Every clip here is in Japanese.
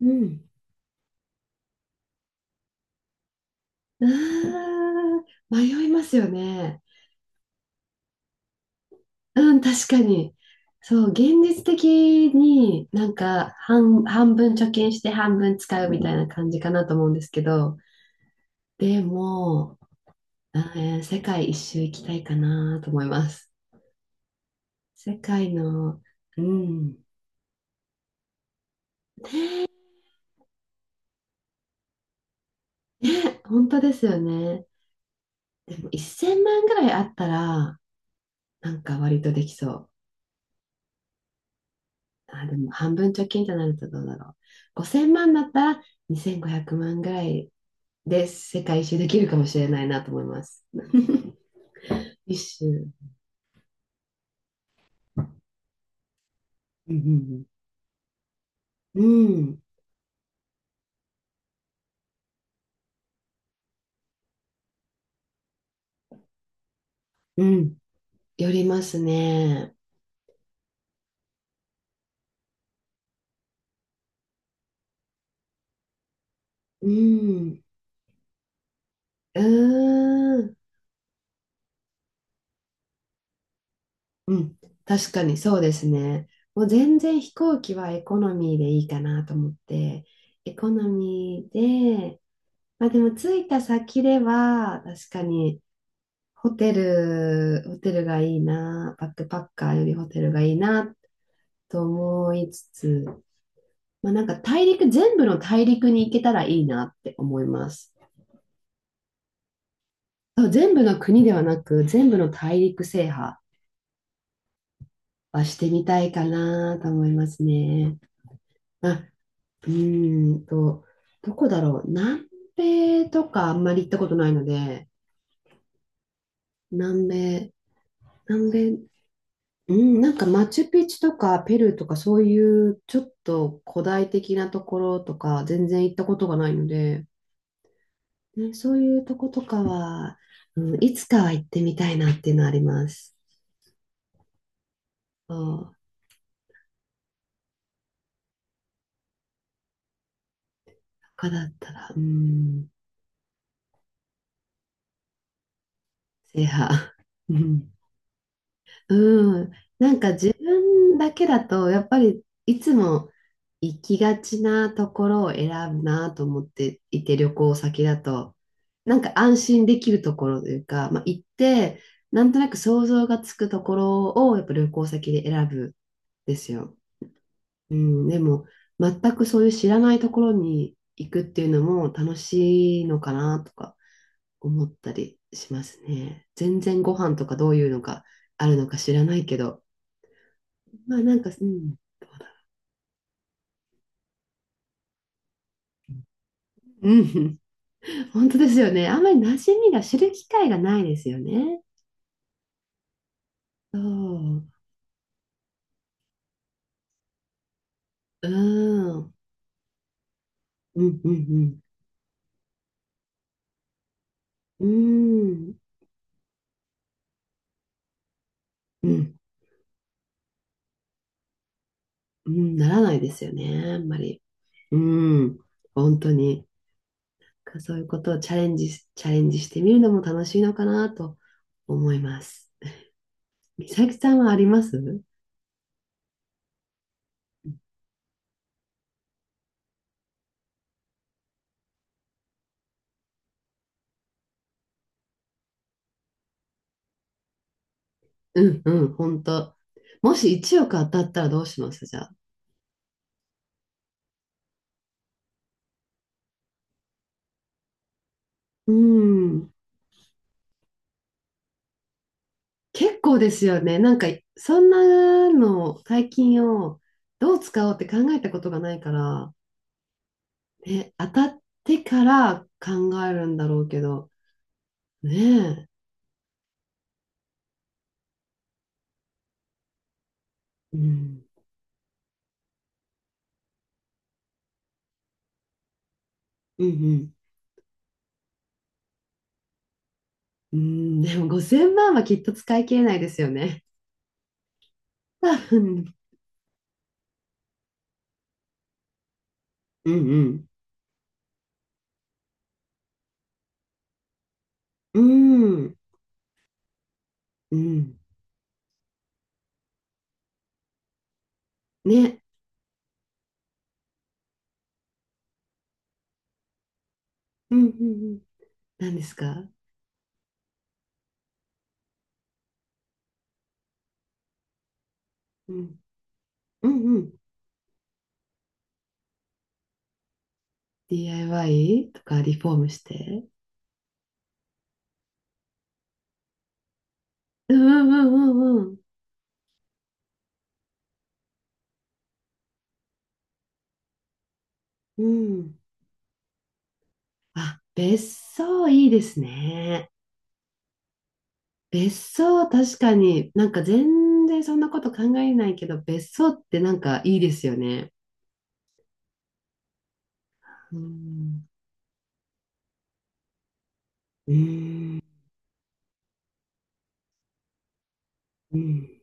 うん。うーん、迷いますよね。うん、確かに。そう、現実的になんか半分貯金して半分使うみたいな感じかなと思うんですけど、でも、世界一周行きたいかなと思います。世界の、うん。ね、本当ですよね。でも1000万ぐらいあったら、なんか割とできそう。あ、でも半分貯金となるとどうだろう。5000万だったら2500万ぐらいで世界一周できるかもしれないなと思います。一周。うんうん、うんうん、よりますね。うん、うーん、うん、確かにそうですね。もう全然飛行機はエコノミーでいいかなと思って、エコノミーで、まあでも着いた先では、確かにホテルがいいな、バックパッカーよりホテルがいいなと思いつつ、まあ、なんか全部の大陸に行けたらいいなって思います。全部の国ではなく、全部の大陸制覇はしてみたいかなと思いますね。あ、うーんと、どこだろう。南米とかあんまり行ったことないので、南米、南米、うん、なんかマチュピチュとかペルーとかそういうちょっと古代的なところとか全然行ったことがないので、ね、そういうとことかは、うん、いつかは行ってみたいなっていうのはあります。そう、他だったら、うん、制覇。うんうん、なんか自分だけだとやっぱりいつも行きがちなところを選ぶなと思っていて旅行先だとなんか安心できるところというか、まあ、行ってなんとなく想像がつくところをやっぱ旅行先で選ぶんですよ。うん、でも全くそういう知らないところに行くっていうのも楽しいのかなとか思ったりしますね。全然ご飯とかどういうのがあるのか知らないけど。まあなんか、うん。うん。本当ですよね。あんまり馴染みが知る機会がないですよね。そう。うん。うんうんうん。うん。うん。うん。ならないですよね。あんまり。うん。本当に。そういうことをチャレンジしてみるのも楽しいのかなと思います。美咲さんはあります？うんうん、本当。もし1億当たったらどうしますじゃあ？うん。結構ですよね。なんか、そんなの、大金をどう使おうって考えたことがないから、ね、当たってから考えるんだろうけど、ねえ。うん。うんうん。うん、でも5000万はきっと使い切れないですよね。多分。うんうん。うん。うん。ね。うんうんうん。何ですか？うん。うん DIY とかリフォームして。うんうんうんうんうん。うん。あ、別荘いいですね。別荘確かになんか全然そんなこと考えないけど、別荘ってなんかいいですよね。うん。うん。うん。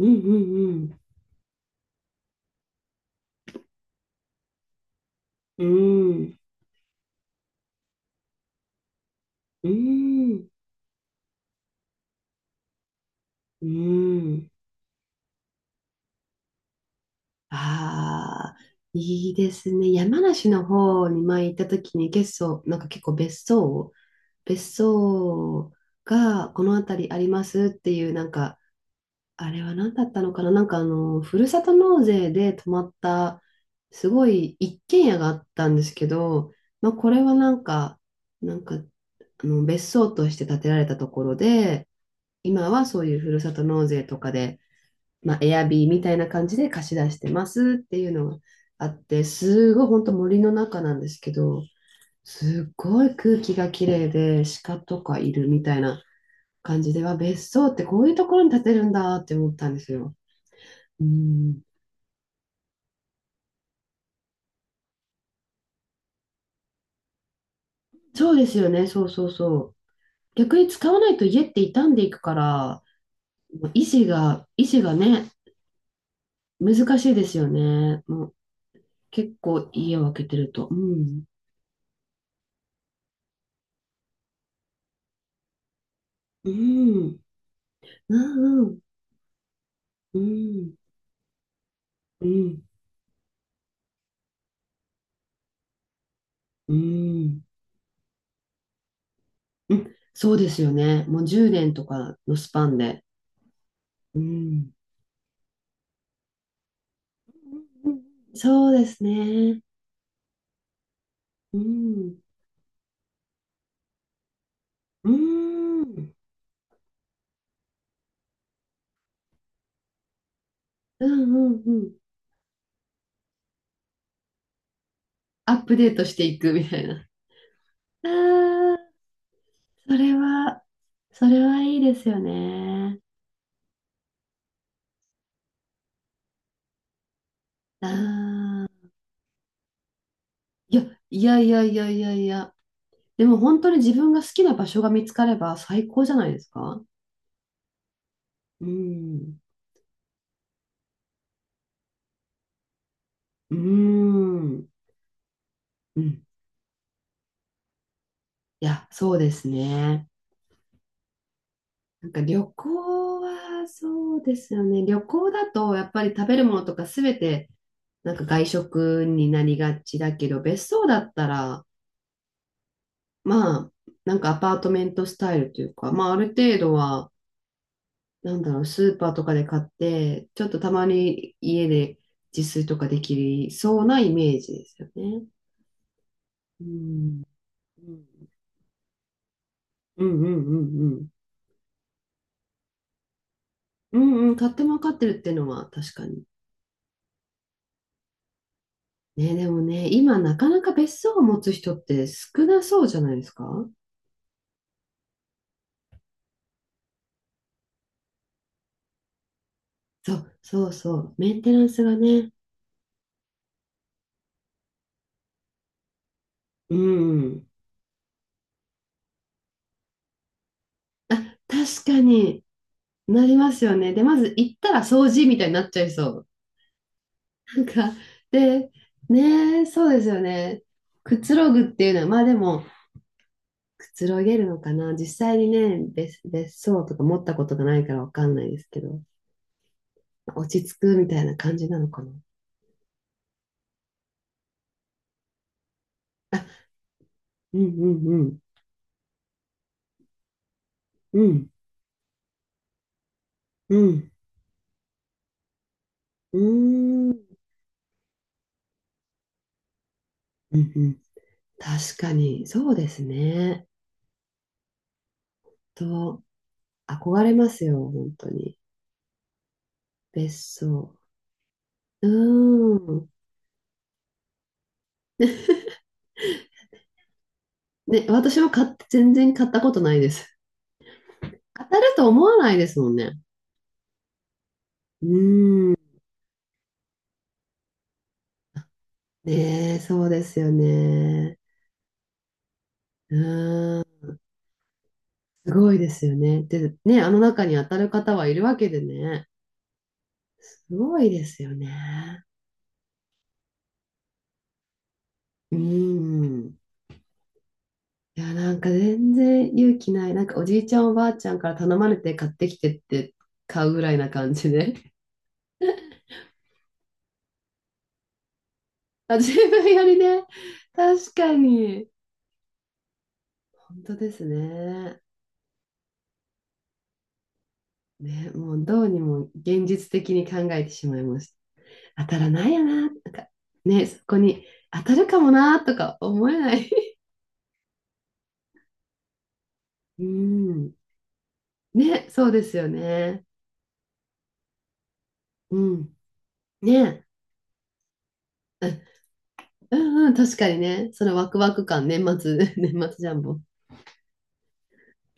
うんうんうん。うん。うん。ああいいですね。山梨の方に前行った時に結構、なんか結構別荘がこの辺りありますっていう、なんか、あれは何だったのかな、なんかあの、ふるさと納税で泊まった、すごい一軒家があったんですけど、まあ、これはなんか、なんか、あの、別荘として建てられたところで、今はそういうふるさと納税とかで、まあ、エアビーみたいな感じで貸し出してますっていうのがあって、すごい本当森の中なんですけど、すっごい空気がきれいで鹿とかいるみたいな感じでは別荘ってこういうところに建てるんだって思ったんですよ。うん、そうですよね、そうそうそう。逆に使わないと家って傷んでいくから、維持がね、難しいですよね。もう結構家を空けてると。うん、うん、うん、うん、うん、うん、うん、そうですよね。もう10年とかのスパンで。うんうんうんそうですね。うん。うん。うんうんうん。アップデートしていくみたいな。ああ、それは、それはいいですよね。ああ。いや、いやいやいやいやいや。でも本当に自分が好きな場所が見つかれば最高じゃないですか。うん。うん。うん。いや、そうですね。なんか旅行はそうですよね。旅行だとやっぱり食べるものとかすべてなんか外食になりがちだけど、別荘だったら、まあ、なんかアパートメントスタイルというか、まあ、ある程度は、なんだろう、スーパーとかで買って、ちょっとたまに家で自炊とかできそうなイメージですよね。うん。うんうんうんうん。うんうん、買っても分かってるっていうのは確かに。ね、でもね、今なかなか別荘を持つ人って少なそうじゃないですか？そう、そうそう。メンテナンスがね。うん。確かになりますよね。で、まず行ったら掃除みたいになっちゃいそう。なんか、で、ねえ、そうですよね。くつろぐっていうのは、まあでも、くつろげるのかな。実際にね、別荘とか持ったことがないからわかんないですけど、落ち着くみたいな感じなのかな。あ、うんうんうん、うん、うん、うーん、うんうん。確かに、そうですね。と、憧れますよ、本当に。別荘。うーん。ね、私も買って全然買ったことないです。当たると思わないですもんね。うーん。ねえ、そうですよね。うーん。すごいですよね。で、ね、あの中に当たる方はいるわけでね。すごいですよね。うーん。いや、なんか全然勇気ない。なんかおじいちゃんおばあちゃんから頼まれて買ってきてって買うぐらいな感じで。あ、自分よりね。確かに。本当ですね。ね、もうどうにも現実的に考えてしまいました。当たらないよな、なんか、ね、そこに当たるかもなとか思えない。うん。ね、そうですよね。うん。ね、うんうんうん、確かにね、そのワクワク感、年末 年末ジャンボ。